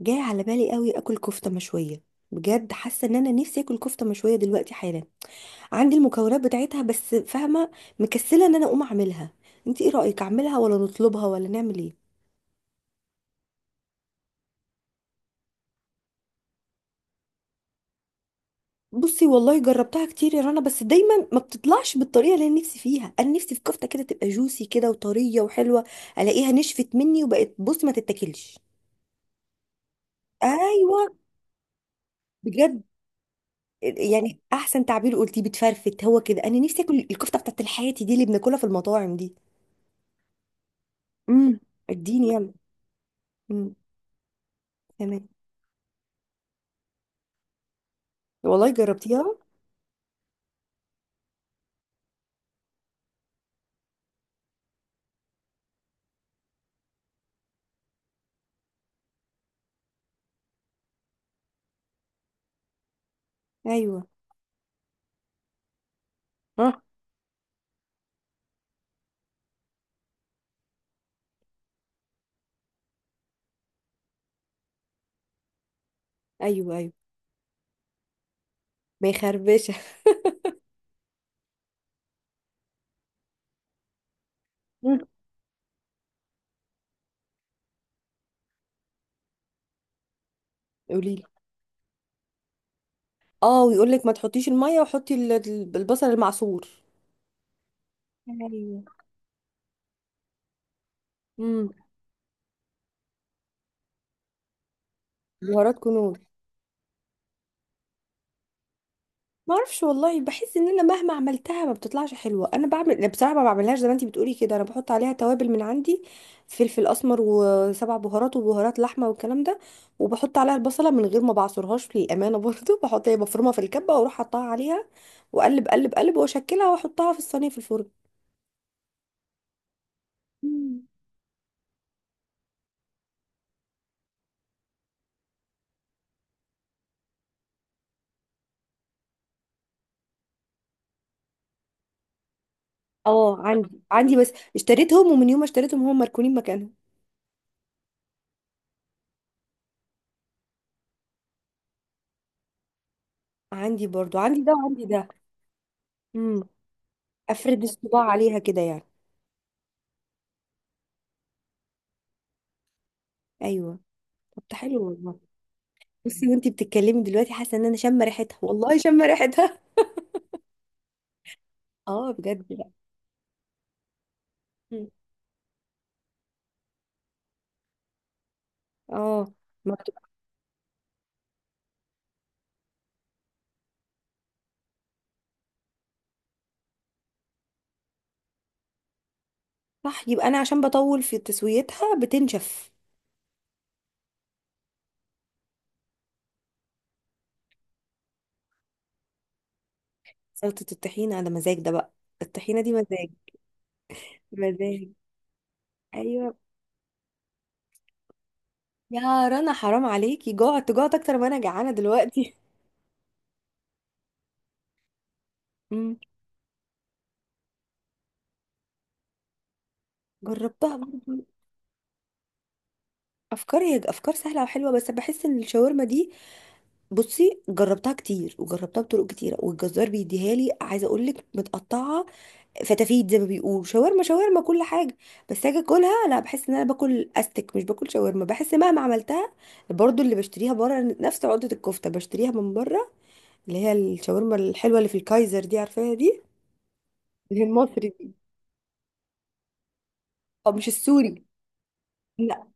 جاي على بالي قوي اكل كفته مشويه. بجد حاسه ان انا نفسي اكل كفته مشويه دلوقتي حالا. عندي المكونات بتاعتها بس فاهمه، مكسله ان انا اقوم اعملها. انت ايه رايك، اعملها ولا نطلبها ولا نعمل ايه؟ بصي والله جربتها كتير يا رنا، بس دايما ما بتطلعش بالطريقه اللي انا نفسي فيها. انا نفسي في كفته كده تبقى جوسي كده وطريه وحلوه. الاقيها نشفت مني وبقت، بص ما تتاكلش. ايوه، بجد. يعني احسن تعبير قلتيه بتفرفت، هو كده. انا نفسي اكل الكفته بتاعت الحياتي دي اللي بناكلها في المطاعم دي. امم. اديني يلا. امم. تمام. والله جربتيها؟ ايوه. ها؟ ايوه. ايوه، ما يخربشه. قولي لي. اه، ويقول لك ما تحطيش الميه وحطي البصل المعصور. ايوه. امم. بهارات كنوز. ما اعرفش والله، بحس ان انا مهما عملتها ما بتطلعش حلوه. انا بعمل، لا بصراحه ما بعملهاش زي ما انتي بتقولي كده، انا بحط عليها توابل من عندي، فلفل اسمر وسبع بهارات وبهارات لحمه والكلام ده. وبحط عليها البصله من غير ما بعصرهاش للامانه برضو بحط هي مفرومه في الكبه واروح حطها عليها، واقلب قلب قلب واشكلها واحطها في الصينيه في الفرن. مم. اه عندي، عندي، بس اشتريتهم ومن يوم ما اشتريتهم هم مركونين مكانهم. عندي برضو، عندي ده وعندي ده. امم. افرد الصباع عليها كده يعني؟ ايوه. طب ده حلو والله. بصي وانتي بتتكلمي دلوقتي حاسه ان انا شامه ريحتها، والله شامه ريحتها. اه، بجد بقى. مم. اه. ما بت- صح، يبقى انا عشان بطول في تسويتها بتنشف. سلطه الطحينه على مزاج ده بقى، الطحينه دي مزاج. مزاج. ايوه. يا رنا حرام عليكي، جعت، جعت اكتر ما انا جعانه دلوقتي. مم. جربتها برضه. افكار، هي افكار سهله وحلوه، بس بحس ان الشاورما دي، بصي جربتها كتير وجربتها بطرق كتيره، والجزار بيديها لي عايزه اقول لك متقطعه فتافيت، زي ما بيقولوا شاورما شاورما كل حاجه. بس اجي اكلها، لا، بحس ان انا باكل استك مش باكل شاورما. بحس مهما عملتها، برضو اللي بشتريها بره نفس عقده الكفته بشتريها من بره، اللي هي الشاورما الحلوه اللي في الكايزر دي، عارفاها دي. اللي هي المصري دي، او مش السوري. لا،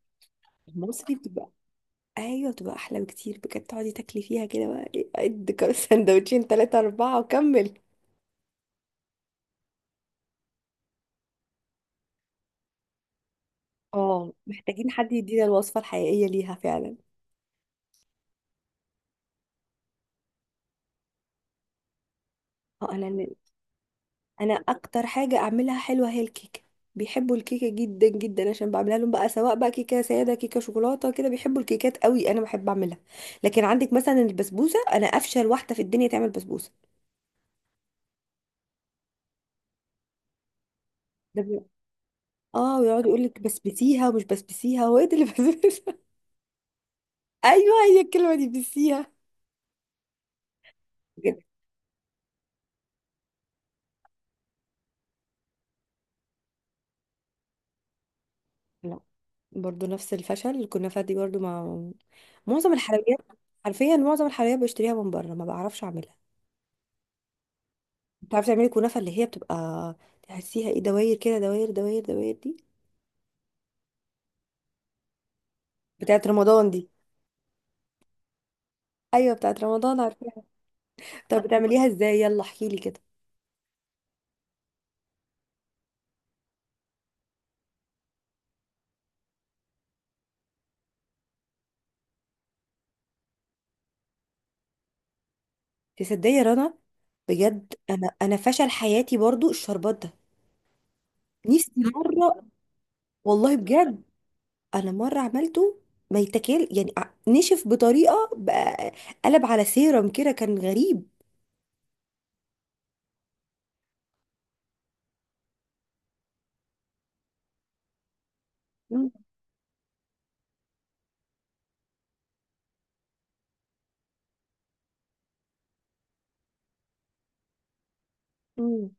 المصري بتبقى، ايوه، بتبقى احلى بكتير بجد. تقعدي تاكلي فيها كده بقى ايه، قد كام؟ سندوتشين، ثلاثه، اربعه، وكمل. اه، محتاجين حد يدينا الوصفه الحقيقيه ليها فعلا. اه، انا اكتر حاجه اعملها حلوه هي الكيكه. بيحبوا الكيكه جدا جدا عشان بعملها لهم بقى، سواء بقى كيكه ساده، كيكه شوكولاته، كده بيحبوا الكيكات قوي، انا بحب اعملها. لكن عندك مثلا البسبوسه، انا افشل واحده في الدنيا تعمل بسبوسه. ده بي... اه، ويقعد يقول لك بسبسيها ومش بسبسيها. هو ايه ده اللي بسبسها؟ ايوه هي الكلمه دي، بسيها. بجد. لا، برضه نفس الفشل الكنافه دي، برضه مع معظم الحلويات. حرفيا معظم الحلويات بشتريها من بره، ما بعرفش اعملها. بتعرفي تعملي كنافة اللي هي بتبقى، تحسيها ايه، دواير كده، دواير دواير دواير دي؟ بتاعت رمضان دي؟ ايوه بتاعت رمضان، عارفاها. طب بتعمليها ازاي؟ يلا احكيلي كده. تصدقي يا رنا، بجد انا فشل حياتي برضو الشربات ده. نفسي مره. والله بجد. انا مره عملته ما يتاكل، يعني نشف بطريقه بقى، قلب على سيرم كده، كان غريب. مم. مم.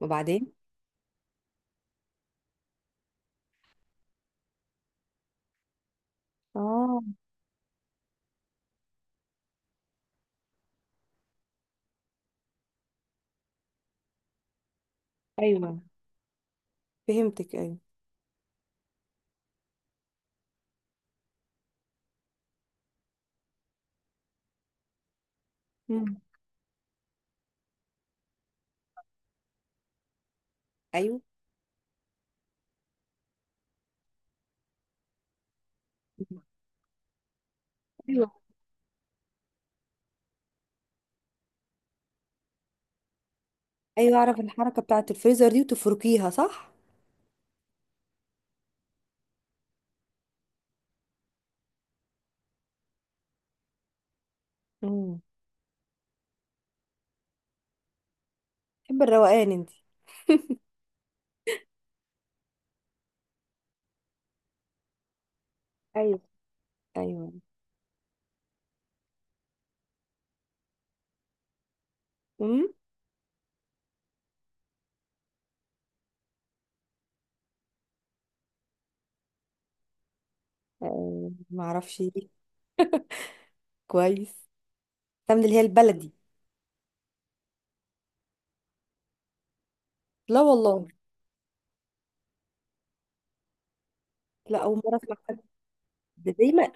وبعدين؟ اه. ايوه، فهمتك. ايوه. مم. ايوه، ايوه، اعرف الحركه بتاعه الفريزر دي، وتفركيها صح. امم. بحب الروقان انت. ايوه، ايوه. امم. آه، ما اعرفش إيه. كويس. تمن اللي هي البلدي. لا والله. لا، اول مره اسمع حد. ده دايما،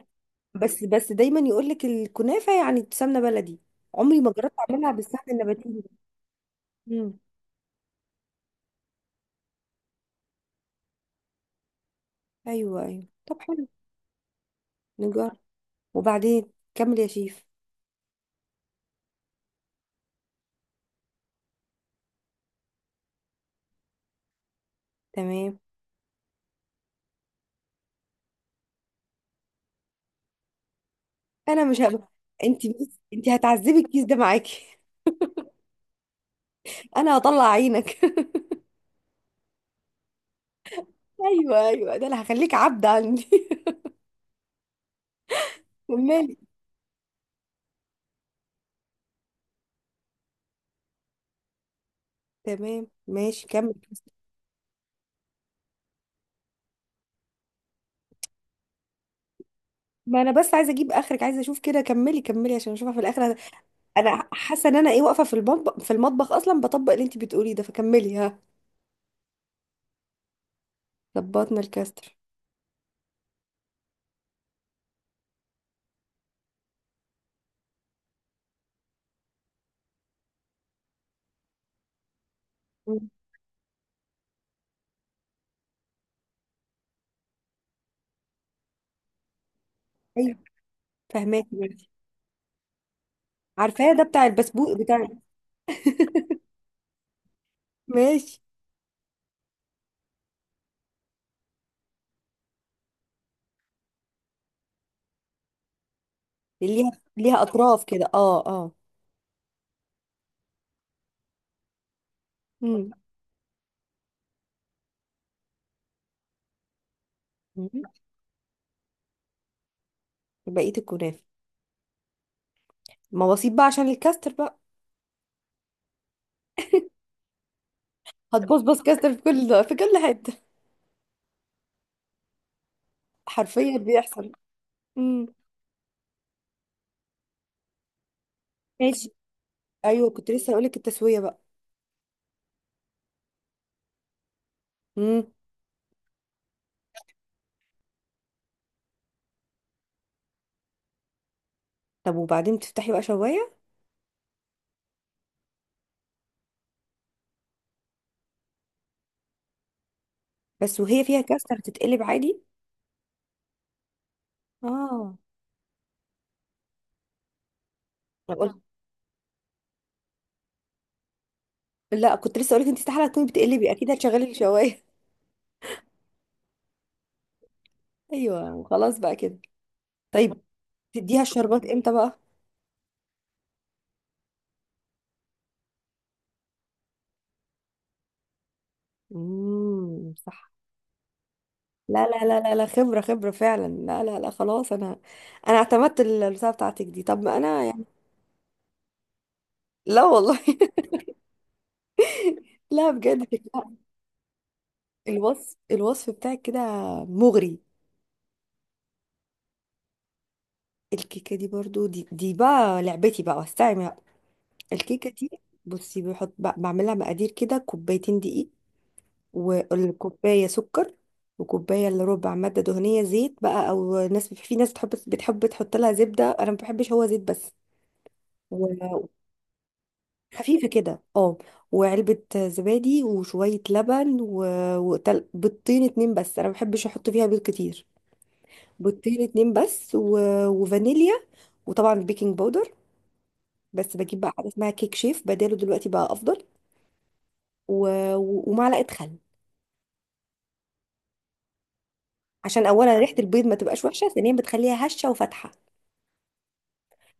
بس دايما يقول لك الكنافه يعني سمنه بلدي. عمري ما جربت اعملها بالسمنه النباتيه. امم. ايوه، ايوه، طب حلو. نجرب. وبعدين كمل يا شيف. تمام. انا مش هبقى، انت بس، انت هتعذبي الكيس ده معاكي. انا هطلع عينك. ايوه، ايوه، ده انا هخليك عبد عندي. كملي. تمام، ماشي كمل. ما انا بس عايزه اجيب اخرك، عايزه اشوف كده، كملي، كملي عشان اشوفها في الاخر. انا حاسه ان انا ايه، واقفه في المطبخ، في المطبخ اصلا بطبق اللي انت بتقوليه ده، فكملي ها. ظبطنا الكاستر. مم. ايوه فهماكي، ماشي. عارفاه ده، بتاع البسبوق بتاع. ماشي. اللي ليها، ليها اطراف كده، اه اه. امم. بقيه الكنافه. مواصيب بقى عشان الكاستر بقى. هتبصبص كاستر في كل، في كل حته. حرفيا بيحصل. امم. ماشي. ايوه كنت لسه هقولك التسويه بقى. امم. طب وبعدين تفتحي بقى شوايه؟ بس وهي فيها كاستر تتقلب عادي؟ اه. أنا قلت، لا، كنت لسه اقولك انت استحاله تكوني بتقلبي، اكيد هتشغلي الشوايه. ايوه، وخلاص بقى كده. طيب، تديها الشربات امتى بقى؟ امم، صح. لا لا لا لا لا، خبره، خبره فعلا، لا لا لا، خلاص انا، انا اعتمدت البتاعه بتاعتك دي. طب ما انا يعني. لا والله. لا بجد. لا. الوصف، الوصف بتاعك كده مغري. الكيكه دي برضو، دي دي بقى لعبتي بقى واستعمل الكيكة دي. بصي، بحط بعملها مقادير كده، 2 دقيق، والكوباية سكر، وكوباية إلا ربع مادة دهنية زيت بقى، أو ناس، في ناس بتحب تحط لها زبدة، أنا ما بحبش، هو زيت بس وخفيفة كده، اه. وعلبة زبادي وشوية لبن بيضتين اتنين بس، أنا ما بحبش أحط فيها بيض كتير. بيضتين اتنين بس وفانيليا وطبعا بيكنج باودر، بس بجيب بقى حاجة اسمها كيك شيف بداله دلوقتي بقى، أفضل. و... ومعلقة خل. عشان اولا ريحه البيض ما تبقاش وحشه، ثانيا بتخليها هشه وفاتحه.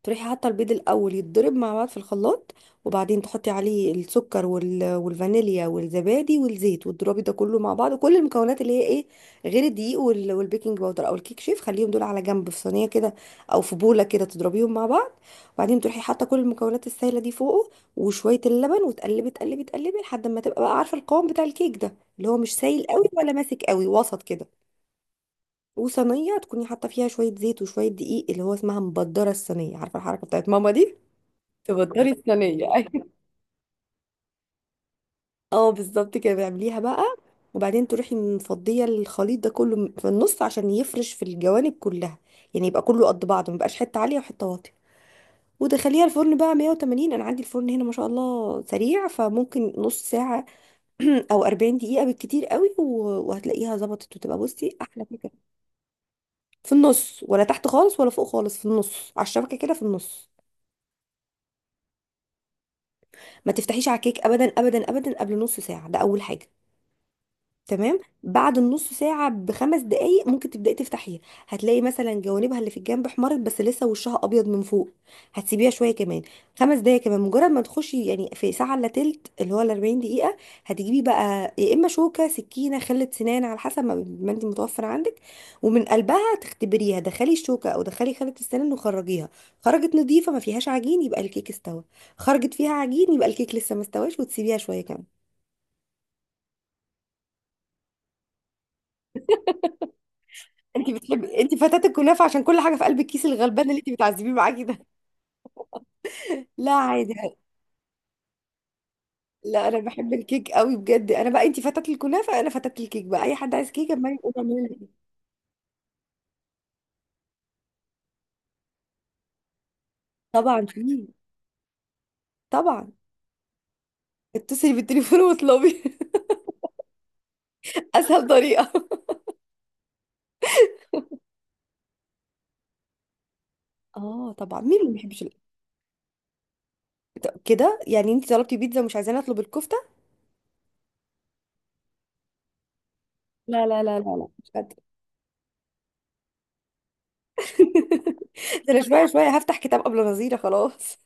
تروحي حاطه البيض الاول يتضرب مع بعض في الخلاط، وبعدين تحطي عليه السكر وال... والفانيليا والزبادي والزيت، وتضربي ده كله مع بعض، كل المكونات اللي هي ايه، غير الدقيق وال... والبيكنج باودر او الكيك شيف، خليهم دول على جنب في صينيه كده، او في بوله كده تضربيهم مع بعض. وبعدين تروحي حاطه كل المكونات السائله دي فوقه، وشويه اللبن، وتقلبي تقلبي تقلبي لحد ما تبقى بقى عارفه القوام بتاع الكيك ده، اللي هو مش سايل قوي ولا ماسك قوي، وسط كده. وصينيه تكوني حاطه فيها شويه زيت وشويه دقيق، اللي هو اسمها مبدره الصينيه، عارفه الحركه بتاعت ماما دي. تبدري الصينيه ايوه، اه بالظبط كده بيعمليها بقى. وبعدين تروحي مفضيه الخليط ده كله في النص عشان يفرش في الجوانب كلها، يعني يبقى كله قد بعضه، ما يبقاش حته عاليه وحته واطيه. ودخليها الفرن بقى 180. انا عندي الفرن هنا ما شاء الله سريع، فممكن نص ساعه او 40 دقيقه بالكتير قوي، وهتلاقيها ظبطت، وتبقى بصي احلى كيكه. في النص، ولا تحت خالص ولا فوق خالص، في النص على الشبكه كده، في النص. ما تفتحيش على الكيك ابدا ابدا ابدا قبل نص ساعه، ده اول حاجه. تمام. بعد النص ساعة بـ5 دقايق ممكن تبدأي تفتحيها. هتلاقي مثلا جوانبها اللي في الجنب احمرت، بس لسه وشها أبيض من فوق. هتسيبيها شوية كمان، 5 دقايق كمان. مجرد ما تخشي يعني في ساعة إلا تلت، اللي هو الـ40 دقيقة، هتجيبي بقى يا إما شوكة، سكينة، خلة سنان، على حسب ما أنت متوفر عندك. ومن قلبها تختبريها، دخلي الشوكة أو دخلي خلة السنان وخرجيها. خرجت نظيفة ما فيهاش عجين، يبقى الكيك استوى. خرجت فيها عجين، يبقى الكيك لسه ما استواش، وتسيبيها شوية كمان. انت بتحبي، انت فتاة الكنافه عشان كل حاجه في قلب الكيس الغلبان اللي انت بتعذبيه معاكي ده. لا عادي. لا انا بحب الكيك قوي بجد، انا بقى، انت فتاة الكنافه، انا فتاة الكيك بقى. اي حد عايز كيك اما يقول اعملي لي كيك. طبعا في، طبعا. اتصلي بالتليفون واطلبي. اسهل طريقه. اه طبعا، مين اللي ما بيحبش طب كده يعني انت طلبتي بيتزا ومش عايزاني اطلب الكفته؟ لا لا لا لا لا مش قادره. ده انا شويه شويه هفتح كتاب قبل نظيره، خلاص.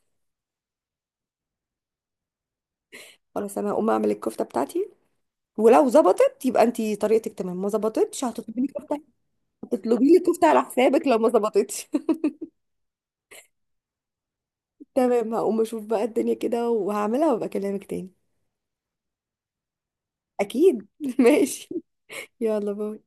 خلاص، انا هقوم اعمل الكفته بتاعتي، ولو ظبطت يبقى انت طريقتك تمام، ما ظبطتش هتطلبي لي كفته. هتطلبي لي كفته على حسابك لو ما ظبطتش. تمام، هقوم اشوف بقى الدنيا كده وهعملها وابقى اكلمك تاني. اكيد. ماشي. يلا، باي.